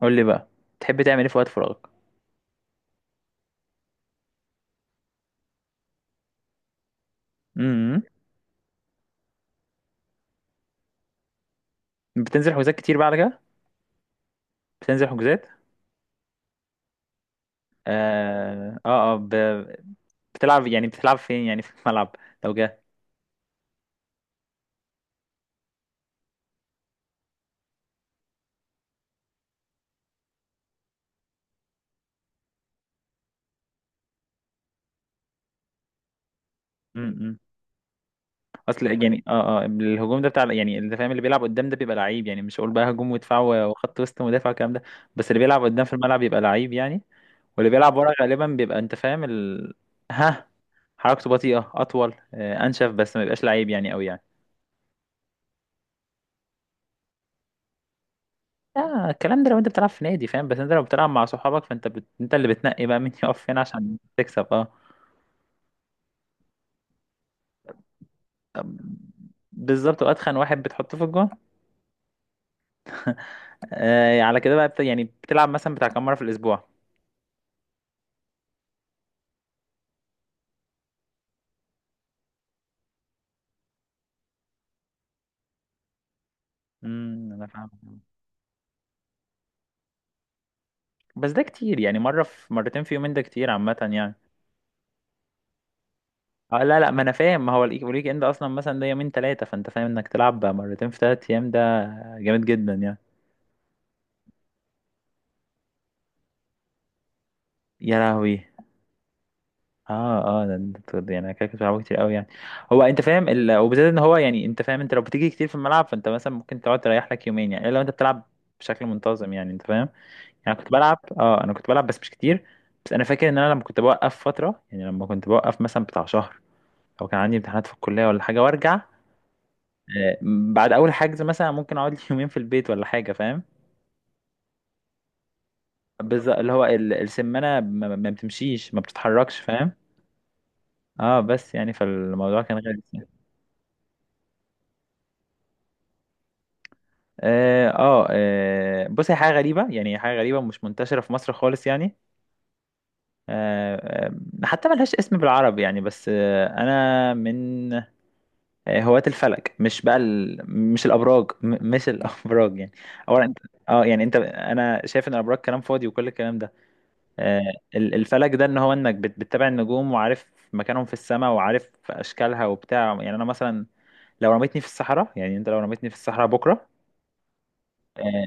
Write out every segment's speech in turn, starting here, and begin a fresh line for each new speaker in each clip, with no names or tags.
قول لي بقى تحب تعمل ايه في وقت فراغك؟ امم بتنزل حجوزات كتير بقى على كده؟ بتنزل حجوزات. اه اه, آه ب... بتلعب يعني بتلعب فين؟ يعني في الملعب لو جه. امم اصل يعني الهجوم ده بتاع يعني اللي فاهم، اللي بيلعب قدام ده بيبقى لعيب، يعني مش هقول بقى هجوم ودفاع وخط وسط ومدافع والكلام ده. بس اللي بيلعب قدام في الملعب بيبقى لعيب يعني. واللي بيلعب ورا غالبا بيبقى انت فاهم ها، حركته بطيئة اطول، انشف، بس ما بيبقاش لعيب يعني قوي يعني. لا الكلام ده لو انت بتلعب في نادي فاهم، بس انت لو بتلعب مع صحابك فانت انت اللي بتنقي بقى مين يقف فين عشان تكسب، اه. بالظبط، واتخن واحد بتحطه في الجون على كده بقى يعني بتلعب مثلا بتاع كام مره في الاسبوع؟ انا فاهم. بس ده كتير يعني مره في مرتين في يومين، ده كتير عامه يعني. آه لا لا، ما انا فاهم، ما هو الويك اند اصلا مثلا ده يومين ثلاثه، فانت فاهم انك تلعب بقى مرتين في ثلاث ايام، ده جامد جدا يعني. يا لهوي! اه يعني انا كده كنت بلعبه كتير قوي يعني. هو انت فاهم وبالذات ان هو، يعني انت فاهم، انت لو بتيجي كتير في الملعب فانت مثلا ممكن تقعد تريح لك يومين يعني، الا لو انت بتلعب بشكل منتظم يعني، انت فاهم؟ يعني كنت بلعب، انا كنت بلعب بس مش كتير. بس انا فاكر ان انا لما كنت بوقف فتره، يعني لما كنت بوقف مثلا بتاع شهر او كان عندي امتحانات في الكليه ولا حاجه وارجع، آه، بعد اول حجز مثلا ممكن اقعد لي يومين في البيت ولا حاجه، فاهم؟ بالظبط، اللي هو السمانه ما بتمشيش، ما بتتحركش، فاهم؟ اه، بس يعني فالموضوع كان غريب. بص، هي حاجة غريبة يعني، هي حاجة غريبة مش منتشرة في مصر خالص يعني. آه، آه، حتى ملهاش اسم بالعربي يعني، بس آه، انا من آه، هواة الفلك، مش بقى مش الابراج، مش الابراج يعني. اولا انت، اه يعني انت، انا شايف ان الابراج كلام فاضي وكل الكلام ده، آه، الفلك ده ان هو انك بتتابع النجوم وعارف مكانهم في السماء وعارف اشكالها وبتاع يعني. انا مثلا لو رميتني في الصحراء، يعني انت لو رميتني في الصحراء بكره، آه،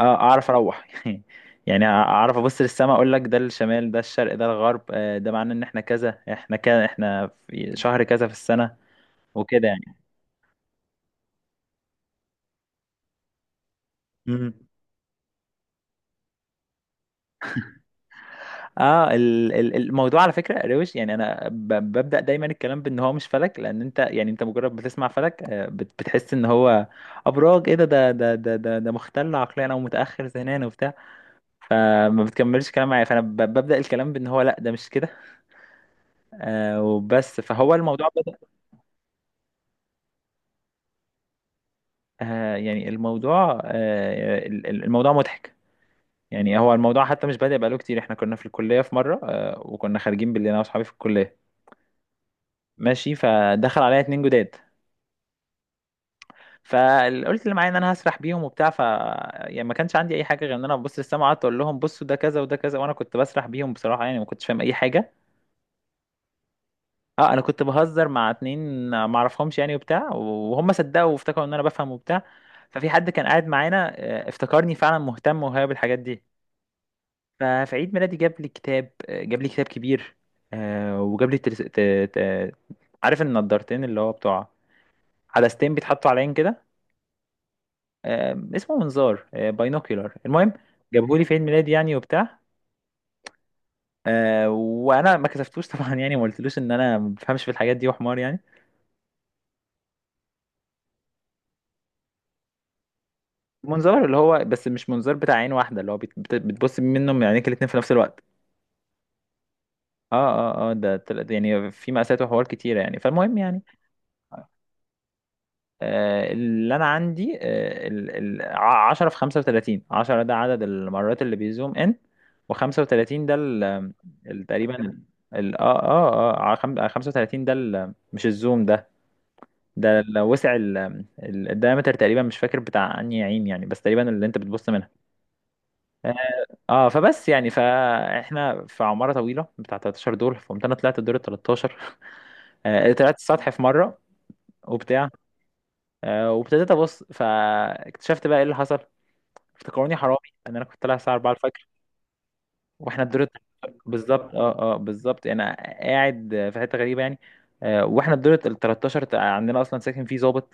اه اعرف اروح يعني اعرف ابص للسماء اقول لك ده الشمال ده الشرق ده الغرب، آه، ده معناه ان احنا كذا احنا كذا احنا في شهر كذا في السنة وكده يعني. مم. اه الموضوع على فكرة روش يعني. انا ببدأ دايما الكلام بان هو مش فلك، لان انت يعني انت مجرد بتسمع فلك آه بتحس ان هو ابراج، ايه ده ده مختل عقليا او متأخر ذهنيا وبتاع، فما بتكملش كلام معايا، فانا ببدأ الكلام بان هو لا ده مش كده آه وبس، فهو الموضوع. آه، يعني الموضوع آه، الموضوع مضحك يعني. هو الموضوع حتى مش بادئ بقاله كتير. احنا كنا في الكلية في مرة، آه، وكنا خارجين بالليل انا واصحابي في الكلية ماشي، فدخل عليا اتنين جداد، فقلت اللي معايا ان انا هسرح بيهم وبتاع، ف يعني ما كانش عندي اي حاجه غير ان انا ببص للسما، وقعدت اقول لهم بصوا ده كذا وده كذا، وانا كنت بسرح بيهم بصراحه يعني، ما كنتش فاهم اي حاجه. اه انا كنت بهزر مع اتنين ما اعرفهمش يعني وبتاع، وهم صدقوا وافتكروا ان انا بفهم وبتاع. ففي حد كان قاعد معانا آه افتكرني فعلا مهتم وهاوي بالحاجات دي، ففي عيد ميلادي جاب لي كتاب، جاب لي كتاب كبير، آه، وجاب لي ت... عارف النضارتين اللي هو بتوع عدستين بيتحطوا على عين كده، آه، اسمه منظار باينوكيولار، المهم جابه لي في عيد ميلادي يعني وبتاع، آه، وانا ما كسفتوش طبعا يعني، ما قلتلوش ان انا ما بفهمش في الحاجات دي وحمار يعني. منظار اللي هو بس مش منظار بتاع عين واحده، اللي هو بتبص منه من عينيك الاتنين في نفس الوقت. اه يعني في مقاسات وحوار كتيره يعني، فالمهم يعني آه، اللي انا عندي آه، 10 في 35. 10 ده عدد المرات اللي بيزوم ان، و35 ده تقريبا 35 ده ال- مش الزوم ده، ده وسع الدايمتر تقريبا، مش فاكر بتاع انهي عين يعني، بس تقريبا اللي انت بتبص منها. اه فبس يعني فاحنا في عمارة طويلة بتاع 13 دور، فقمت انا طلعت الدور ال 13، آه، طلعت السطح في مرة وبتاع، آه، وابتديت ابص، فاكتشفت بقى ايه اللي حصل. افتكروني حرامي، ان انا كنت طالع الساعه 4 الفجر، واحنا الدور بالظبط بالظبط، انا قاعد في حته غريبه يعني. آه، واحنا الدور ال 13 عندنا اصلا ساكن فيه ظابط،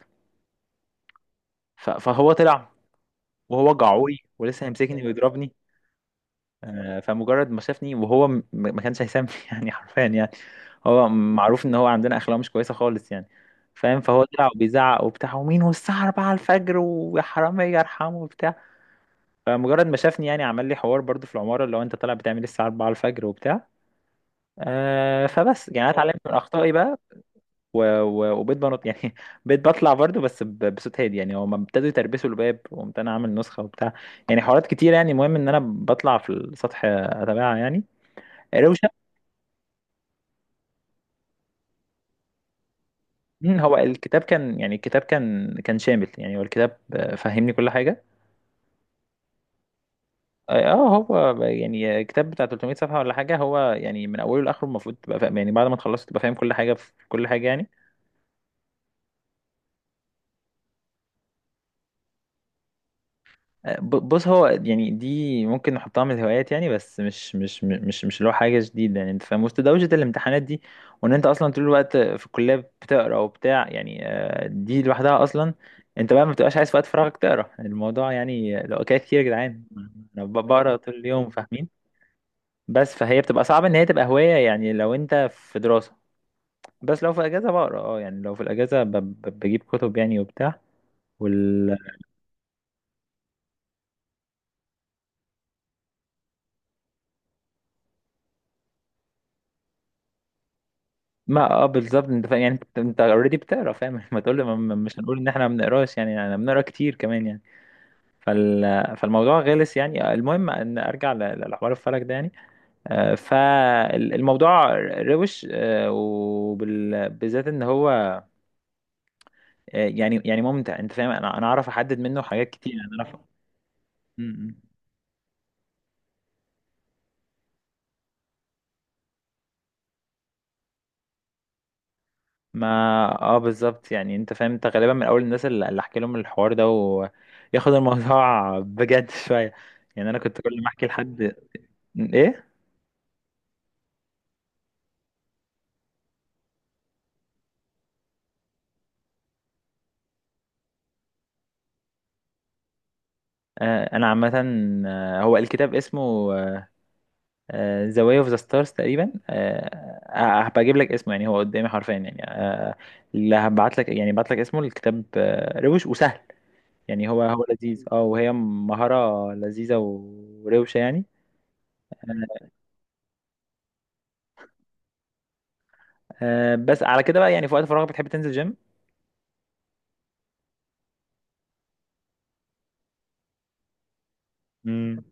فهو طلع، وهو جعوي ولسه هيمسكني ويضربني. آه، فمجرد ما شافني وهو ما كانش هيسامح يعني، حرفيا يعني. هو معروف ان هو عندنا اخلاق مش كويسه خالص يعني، فاهم؟ فهو طلع وبيزعق وبتاع ومين والساعه 4 الفجر ويا حراميه ارحمه وبتاع. فمجرد ما شافني يعني عمل لي حوار برضو في العماره اللي هو انت طالع بتعمل ايه الساعه 4 الفجر وبتاع، آه، فبس يعني انا اتعلمت من اخطائي بقى. وبقيت بنط يعني بقيت بطلع برضه بس بصوت هادي يعني، هما ابتدوا يتربسوا الباب، وقمت انا عامل نسخه وبتاع، يعني حوارات كتير يعني. المهم ان انا بطلع في السطح اتابعها يعني، روشه. مم، هو الكتاب كان يعني الكتاب كان شامل يعني. هو الكتاب آه فهمني كل حاجه. اه آه، هو ب- يعني كتاب بتاع 300 صفحه ولا حاجه، هو يعني من اوله لاخره المفروض تبقى فاهم يعني، بعد ما تخلصت تبقى فاهم كل حاجه في كل حاجه يعني. بص، هو يعني دي ممكن نحطها من الهوايات يعني، بس مش اللي هو حاجة جديدة يعني، انت فاهم، وسط دوشة الامتحانات دي، وان انت اصلا طول الوقت في الكلية بتقرا وبتاع يعني، آه دي لوحدها اصلا. انت بقى ما بتبقاش عايز في وقت فراغك تقرا، الموضوع يعني لو حكاية كتير يا جدعان. انا بقرا طول اليوم فاهمين. بس فهي بتبقى صعب ان هي تبقى هواية يعني لو انت في دراسة. بس لو في اجازة بقرا، اه يعني لو في الاجازة بجيب كتب يعني وبتاع. ما اه بالظبط انت فاهم يعني، انت اوريدي بتقرا فاهم ما تقول لي مش هنقول ان احنا ما بنقراش يعني، احنا بنقرا كتير كمان يعني. فال... فالموضوع غلس يعني. آه، المهم ان ارجع لحوار الفلك ده يعني. آه، فالموضوع روش، وبالذات ان هو آه، يعني ممتع، انت فاهم؟ انا اعرف احدد منه حاجات كتير يعني، انا اعرف. م- م. ما اه بالظبط يعني انت فاهم، انت غالبا من اول الناس اللي احكي لهم الحوار ده وياخد الموضوع بجد شويه يعني. انا كنت كل ما احكي لحد ايه. آه انا عامه آه، هو الكتاب اسمه ذا واي اوف ذا ستارز تقريبا، هبقى اجيب لك اسمه يعني، هو قدامي حرفيا يعني، آه، اللي هبعت لك يعني، بعت لك اسمه الكتاب آه، روش وسهل يعني. هو لذيذ، اه، وهي مهاره لذيذه وروشه يعني. آه بس على كده بقى، يعني في وقت فراغك بتحب تنزل جيم؟ امم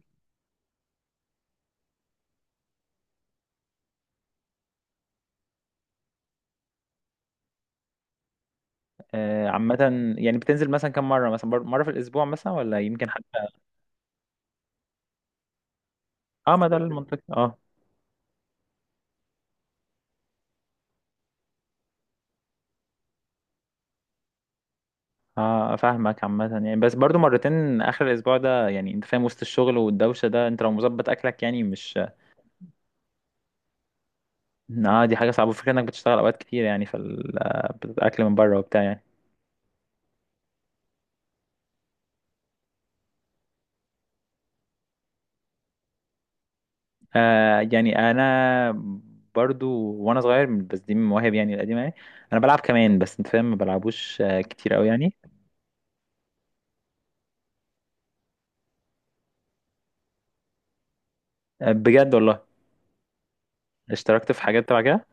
آه عامه يعني، بتنزل مثلا كم مره مثلا مره في الاسبوع مثلا، ولا يمكن حتى؟ اه ما ده المنطقي، اه. اه فاهمك عامة يعني، بس برضو مرتين اخر الاسبوع ده يعني انت فاهم، وسط الشغل والدوشة ده انت لو مظبط اكلك يعني مش، اه دي حاجة صعبة، فكرة انك بتشتغل اوقات كتير يعني في آه، الاكل من بره وبتاع يعني. آه يعني انا برضو وانا صغير، بس دي من مواهب يعني القديمة يعني، انا بلعب كمان بس انت فاهم، ما بلعبوش آه كتير قوي يعني. آه، بجد والله؟ اشتركت في حاجات تبع كده؟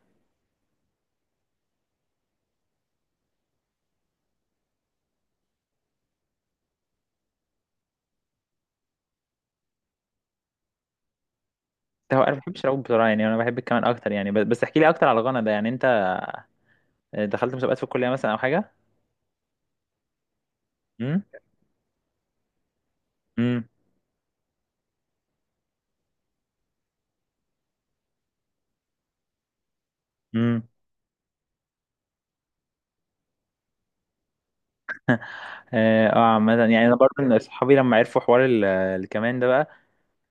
هو انا ما بحبش العب بسرعة يعني، انا بحب الكمان اكتر يعني، بس بس احكي لي اكتر على الغنى ده يعني. انت آه، دخلت مسابقات في الكلية مثلا او حاجة؟ امم امم امم اه آه، عامة يعني انا برضه من صحابي لما عرفوا حوار الكمان ده بقى،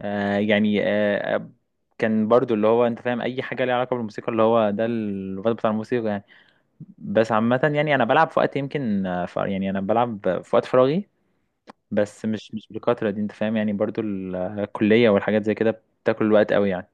آه يعني كان برضه اللي هو انت فاهم، اي حاجة ليها علاقة بالموسيقى، اللي هو ده الواد بتاع الموسيقى يعني. بس عامة يعني انا بلعب في وقت، يمكن آه، يعني انا بلعب في وقت فراغي، بس مش بالكترة دي انت فاهم يعني، برضه الكلية والحاجات زي كده بتاكل الوقت قوي يعني.